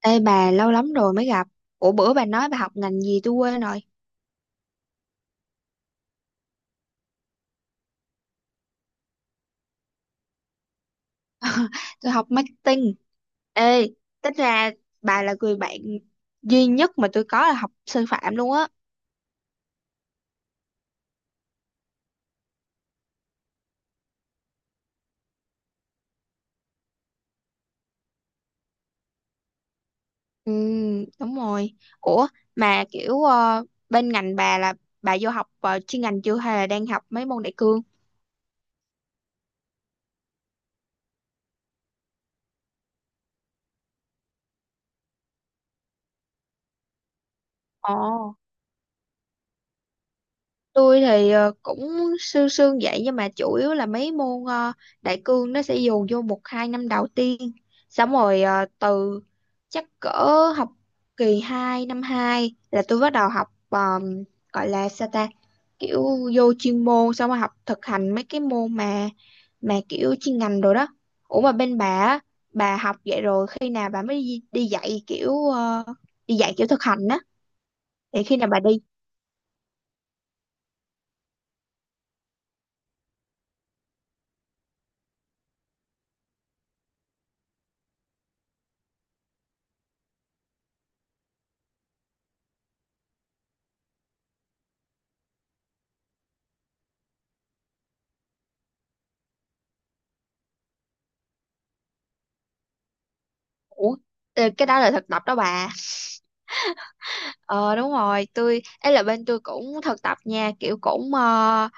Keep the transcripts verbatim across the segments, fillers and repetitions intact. Ê bà lâu lắm rồi mới gặp. Ủa bữa bà nói bà học ngành gì tôi quên rồi. Tôi học marketing. Ê, tính ra bà là người bạn duy nhất mà tôi có là học sư phạm luôn á. Ừ, đúng rồi. Ủa mà kiểu ờ, bên ngành bà là bà vô học ờ, chuyên ngành chưa hay là đang học mấy môn đại cương? Ồ. tôi thì ờ, cũng sương sương vậy nhưng mà chủ yếu là mấy môn ờ, đại cương nó sẽ dồn vô một hai năm đầu tiên, xong rồi ờ, từ chắc cỡ học kỳ hai năm hai là tôi bắt đầu học, ờ, gọi là sao ta, kiểu vô chuyên môn xong rồi học thực hành mấy cái môn mà mà kiểu chuyên ngành rồi đó. Ủa mà bên bà á, bà học vậy rồi khi nào bà mới đi, đi dạy kiểu ờ, đi dạy kiểu thực hành á, thì khi nào bà đi? Ủa ờ, cái đó là thực tập đó bà. Ờ đúng rồi, tôi ấy là bên tôi cũng thực tập nha, kiểu cũng ờ,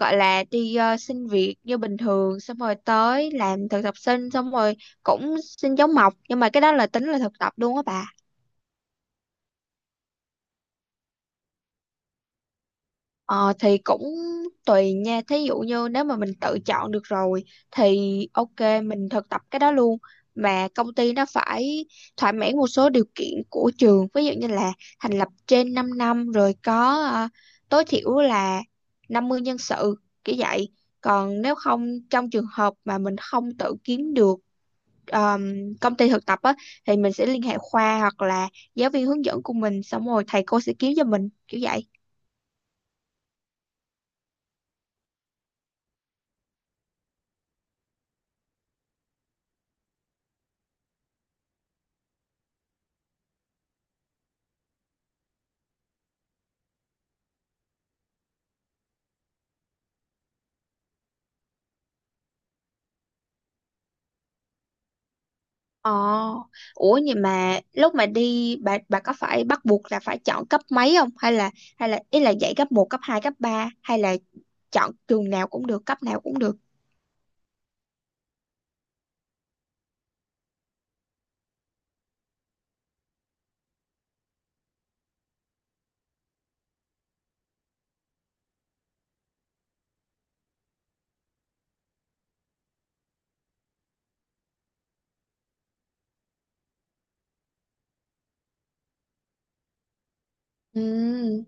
gọi là đi ờ, xin việc như bình thường xong rồi tới làm thực tập sinh, xong rồi cũng xin dấu mộc, nhưng mà cái đó là tính là thực tập luôn á bà. Ờ, thì cũng tùy nha, thí dụ như nếu mà mình tự chọn được rồi thì ok mình thực tập cái đó luôn, mà công ty nó phải thỏa mãn một số điều kiện của trường, ví dụ như là thành lập trên 5 năm, rồi có ờ, tối thiểu là năm mươi nhân sự kiểu vậy. Còn nếu không, trong trường hợp mà mình không tự kiếm được um, công ty thực tập á, thì mình sẽ liên hệ khoa hoặc là giáo viên hướng dẫn của mình, xong rồi thầy cô sẽ kiếm cho mình kiểu vậy. Ờ, ủa vậy mà lúc mà đi bà bà có phải bắt buộc là phải chọn cấp mấy không, hay là hay là ý là dạy cấp một cấp hai cấp ba, hay là chọn trường nào cũng được, cấp nào cũng được. Ừ,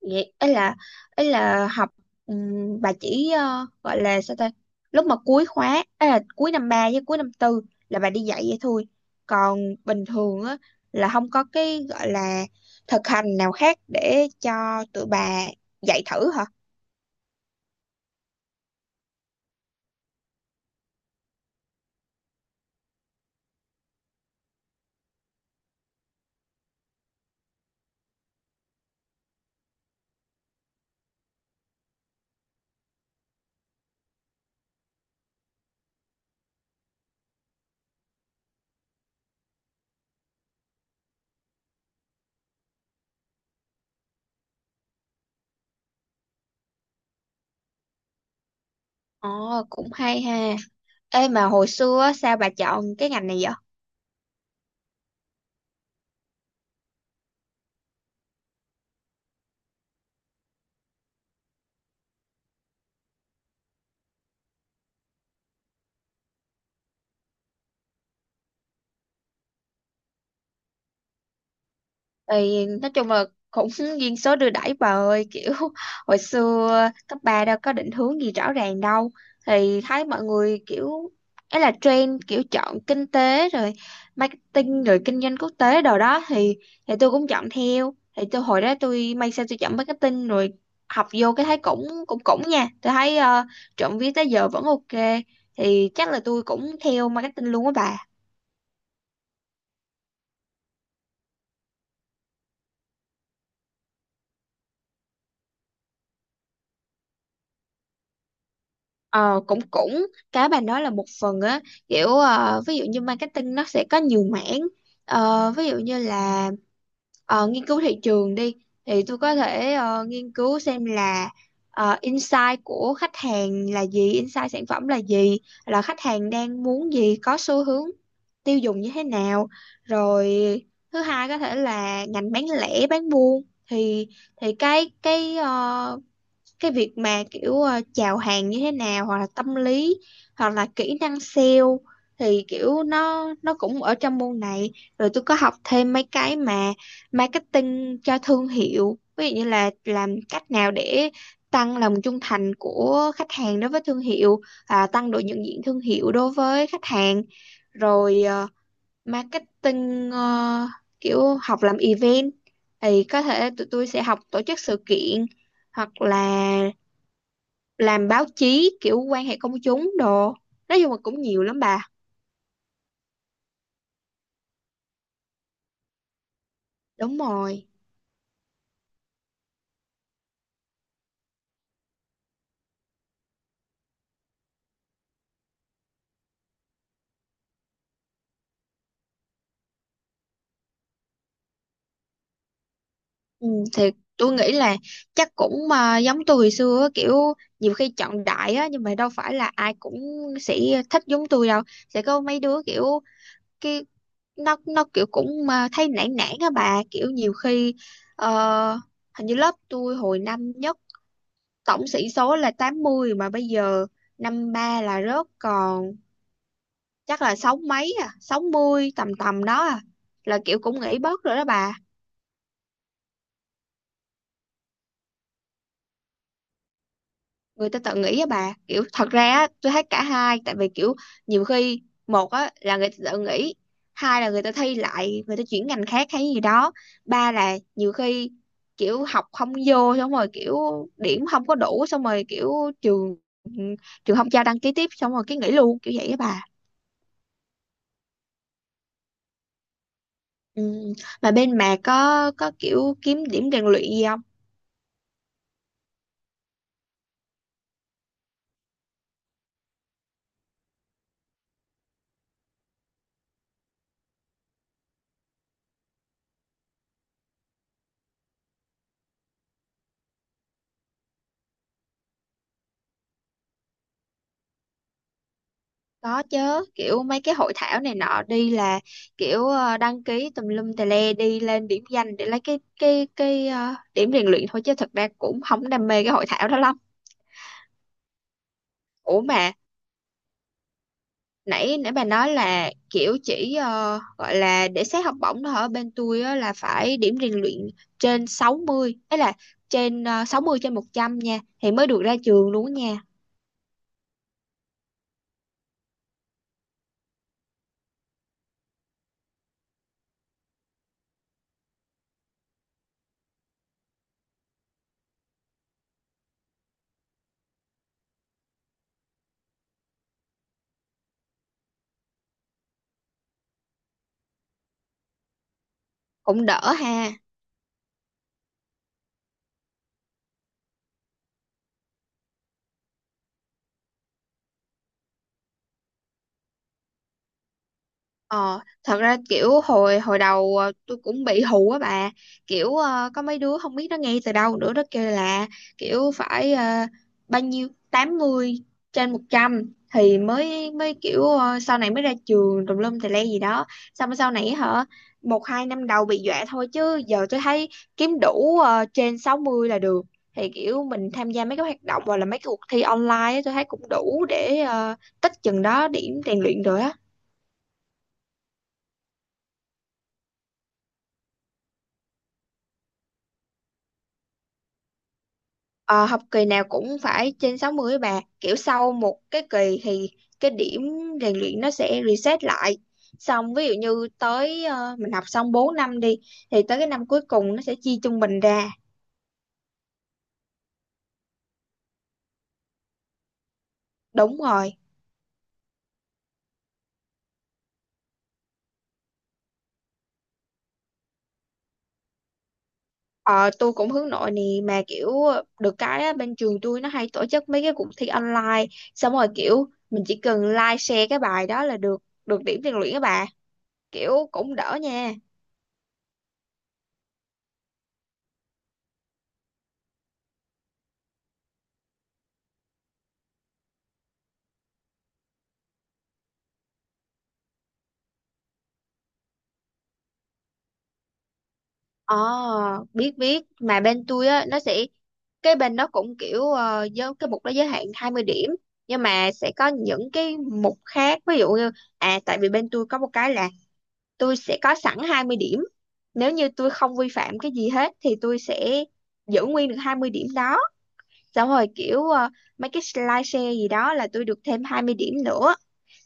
vậy ý là ý là học, ừm, bà chỉ ờ, gọi là sao ta? Lúc mà cuối khóa, ấy là cuối năm ba với cuối năm tư, là bà đi dạy vậy thôi. Còn bình thường á là không có cái gọi là thực hành nào khác để cho tụi bà dạy thử hả? Ồ, cũng hay ha. Ê mà hồi xưa á, sao bà chọn cái ngành này vậy? Thì nói chung là cũng duyên số đưa đẩy bà ơi, kiểu hồi xưa cấp ba đâu có định hướng gì rõ ràng đâu, thì thấy mọi người kiểu ấy là trend, kiểu chọn kinh tế rồi marketing rồi kinh doanh quốc tế đồ đó, thì thì tôi cũng chọn theo, thì tôi hồi đó tôi may sao tôi chọn marketing rồi học vô cái thấy cũng cũng cũng nha, tôi thấy uh, trộm vía tới giờ vẫn ok, thì chắc là tôi cũng theo marketing luôn á bà. Ờ cũng cũng cái bà nói là một phần á, kiểu ờ, ví dụ như marketing nó sẽ có nhiều mảng. Ờ, ví dụ như là ờ, nghiên cứu thị trường đi, thì tôi có thể ờ, nghiên cứu xem là ờ, insight của khách hàng là gì, insight sản phẩm là gì, là khách hàng đang muốn gì, có xu hướng tiêu dùng như thế nào. Rồi thứ hai có thể là ngành bán lẻ bán buôn, thì thì cái cái ờ, cái việc mà kiểu ờ, chào hàng như thế nào, hoặc là tâm lý, hoặc là kỹ năng sale, thì kiểu nó nó cũng ở trong môn này. Rồi tôi có học thêm mấy cái mà marketing cho thương hiệu, ví dụ như là làm cách nào để tăng lòng trung thành của khách hàng đối với thương hiệu, à, tăng độ nhận diện thương hiệu đối với khách hàng, rồi ờ, marketing ờ, kiểu học làm event, thì có thể tụi tôi sẽ học tổ chức sự kiện hoặc là làm báo chí kiểu quan hệ công chúng đồ, nói chung là cũng nhiều lắm bà. Đúng rồi. Ừ, thì tôi nghĩ là chắc cũng mà giống tôi hồi xưa á, kiểu nhiều khi chọn đại á, nhưng mà đâu phải là ai cũng sẽ thích giống tôi đâu. Sẽ có mấy đứa kiểu cái nó nó kiểu cũng mà thấy nản nản á bà, kiểu nhiều khi ờ, hình như lớp tôi hồi năm nhất tổng sĩ số là tám mươi, mà bây giờ năm ba là rớt còn chắc là sáu mấy, à sáu mươi tầm tầm đó à, là kiểu cũng nghỉ bớt rồi đó bà. Người ta tự nghỉ á bà, kiểu thật ra á tôi thấy cả hai, tại vì kiểu nhiều khi, một á là người ta tự nghỉ, hai là người ta thi lại, người ta chuyển ngành khác hay gì đó, ba là nhiều khi kiểu học không vô xong rồi kiểu điểm không có đủ, xong rồi kiểu trường trường không cho đăng ký tiếp, xong rồi cái nghỉ luôn kiểu vậy á bà. Ừ. Mà bên bà có có kiểu kiếm điểm rèn luyện gì không? Có chứ, kiểu mấy cái hội thảo này nọ đi là kiểu ờ, đăng ký tùm lum tè le, đi lên điểm danh để lấy cái cái cái ờ, điểm rèn luyện thôi, chứ thật ra cũng không đam mê cái hội thảo đó lắm. Ủa mà nãy nãy bà nói là kiểu chỉ ờ, gọi là để xét học bổng đó, ở bên tôi á, là phải điểm rèn luyện trên sáu mươi, ấy là trên uh, sáu mươi trên một trăm nha, thì mới được ra trường luôn á nha. Cũng đỡ ha. Ờ, thật ra kiểu hồi hồi đầu ờ, tôi cũng bị hù á bà, kiểu ờ, có mấy đứa không biết nó nghe từ đâu nữa, nó kêu là kiểu phải ờ, bao nhiêu tám mươi trên một trăm thì mới mới kiểu ờ, sau này mới ra trường tùm lum tè le gì đó, xong rồi sau này hả, một hai năm đầu bị dọa thôi, chứ giờ tôi thấy kiếm đủ ờ, trên sáu mươi là được, thì kiểu mình tham gia mấy cái hoạt động hoặc là mấy cái cuộc thi online á, tôi thấy cũng đủ để ờ, tích chừng đó điểm rèn luyện rồi á. Ờ, học kỳ nào cũng phải trên sáu mươi bà, kiểu sau một cái kỳ thì cái điểm rèn luyện nó sẽ reset lại, xong ví dụ như tới ờ, mình học xong bốn năm đi, thì tới cái năm cuối cùng nó sẽ chia trung bình ra. Đúng rồi. ờ, tôi cũng hướng nội nè, mà kiểu được cái á, bên trường tôi nó hay tổ chức mấy cái cuộc thi online, xong rồi kiểu mình chỉ cần like share cái bài đó là được được điểm rèn luyện các bà, kiểu cũng đỡ nha. Ờ, biết biết, mà bên tôi á nó sẽ, cái bên nó cũng kiểu ờ, giới, cái mục đó giới hạn hai mươi điểm, nhưng mà sẽ có những cái mục khác, ví dụ như, à tại vì bên tôi có một cái là tôi sẽ có sẵn hai mươi điểm, nếu như tôi không vi phạm cái gì hết thì tôi sẽ giữ nguyên được hai mươi điểm đó, xong rồi kiểu ờ, mấy cái slideshare gì đó là tôi được thêm hai mươi điểm nữa,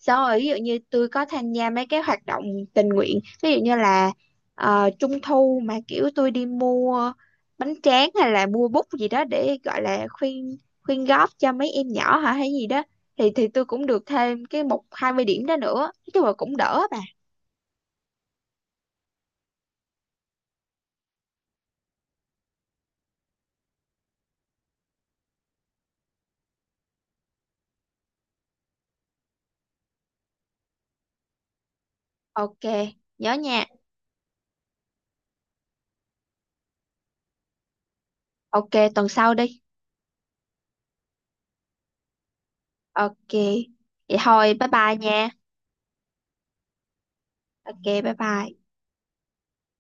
xong rồi ví dụ như tôi có tham gia mấy cái hoạt động tình nguyện, ví dụ như là ờ, trung thu mà kiểu tôi đi mua bánh tráng hay là mua bút gì đó để gọi là khuyên khuyên góp cho mấy em nhỏ hả hay gì đó, thì thì tôi cũng được thêm cái một hai mươi điểm đó nữa, nói chung là cũng đỡ bà. Ok nhớ nha. Ok tuần sau đi. Ok vậy thôi, bye bye nha. Ok bye bye.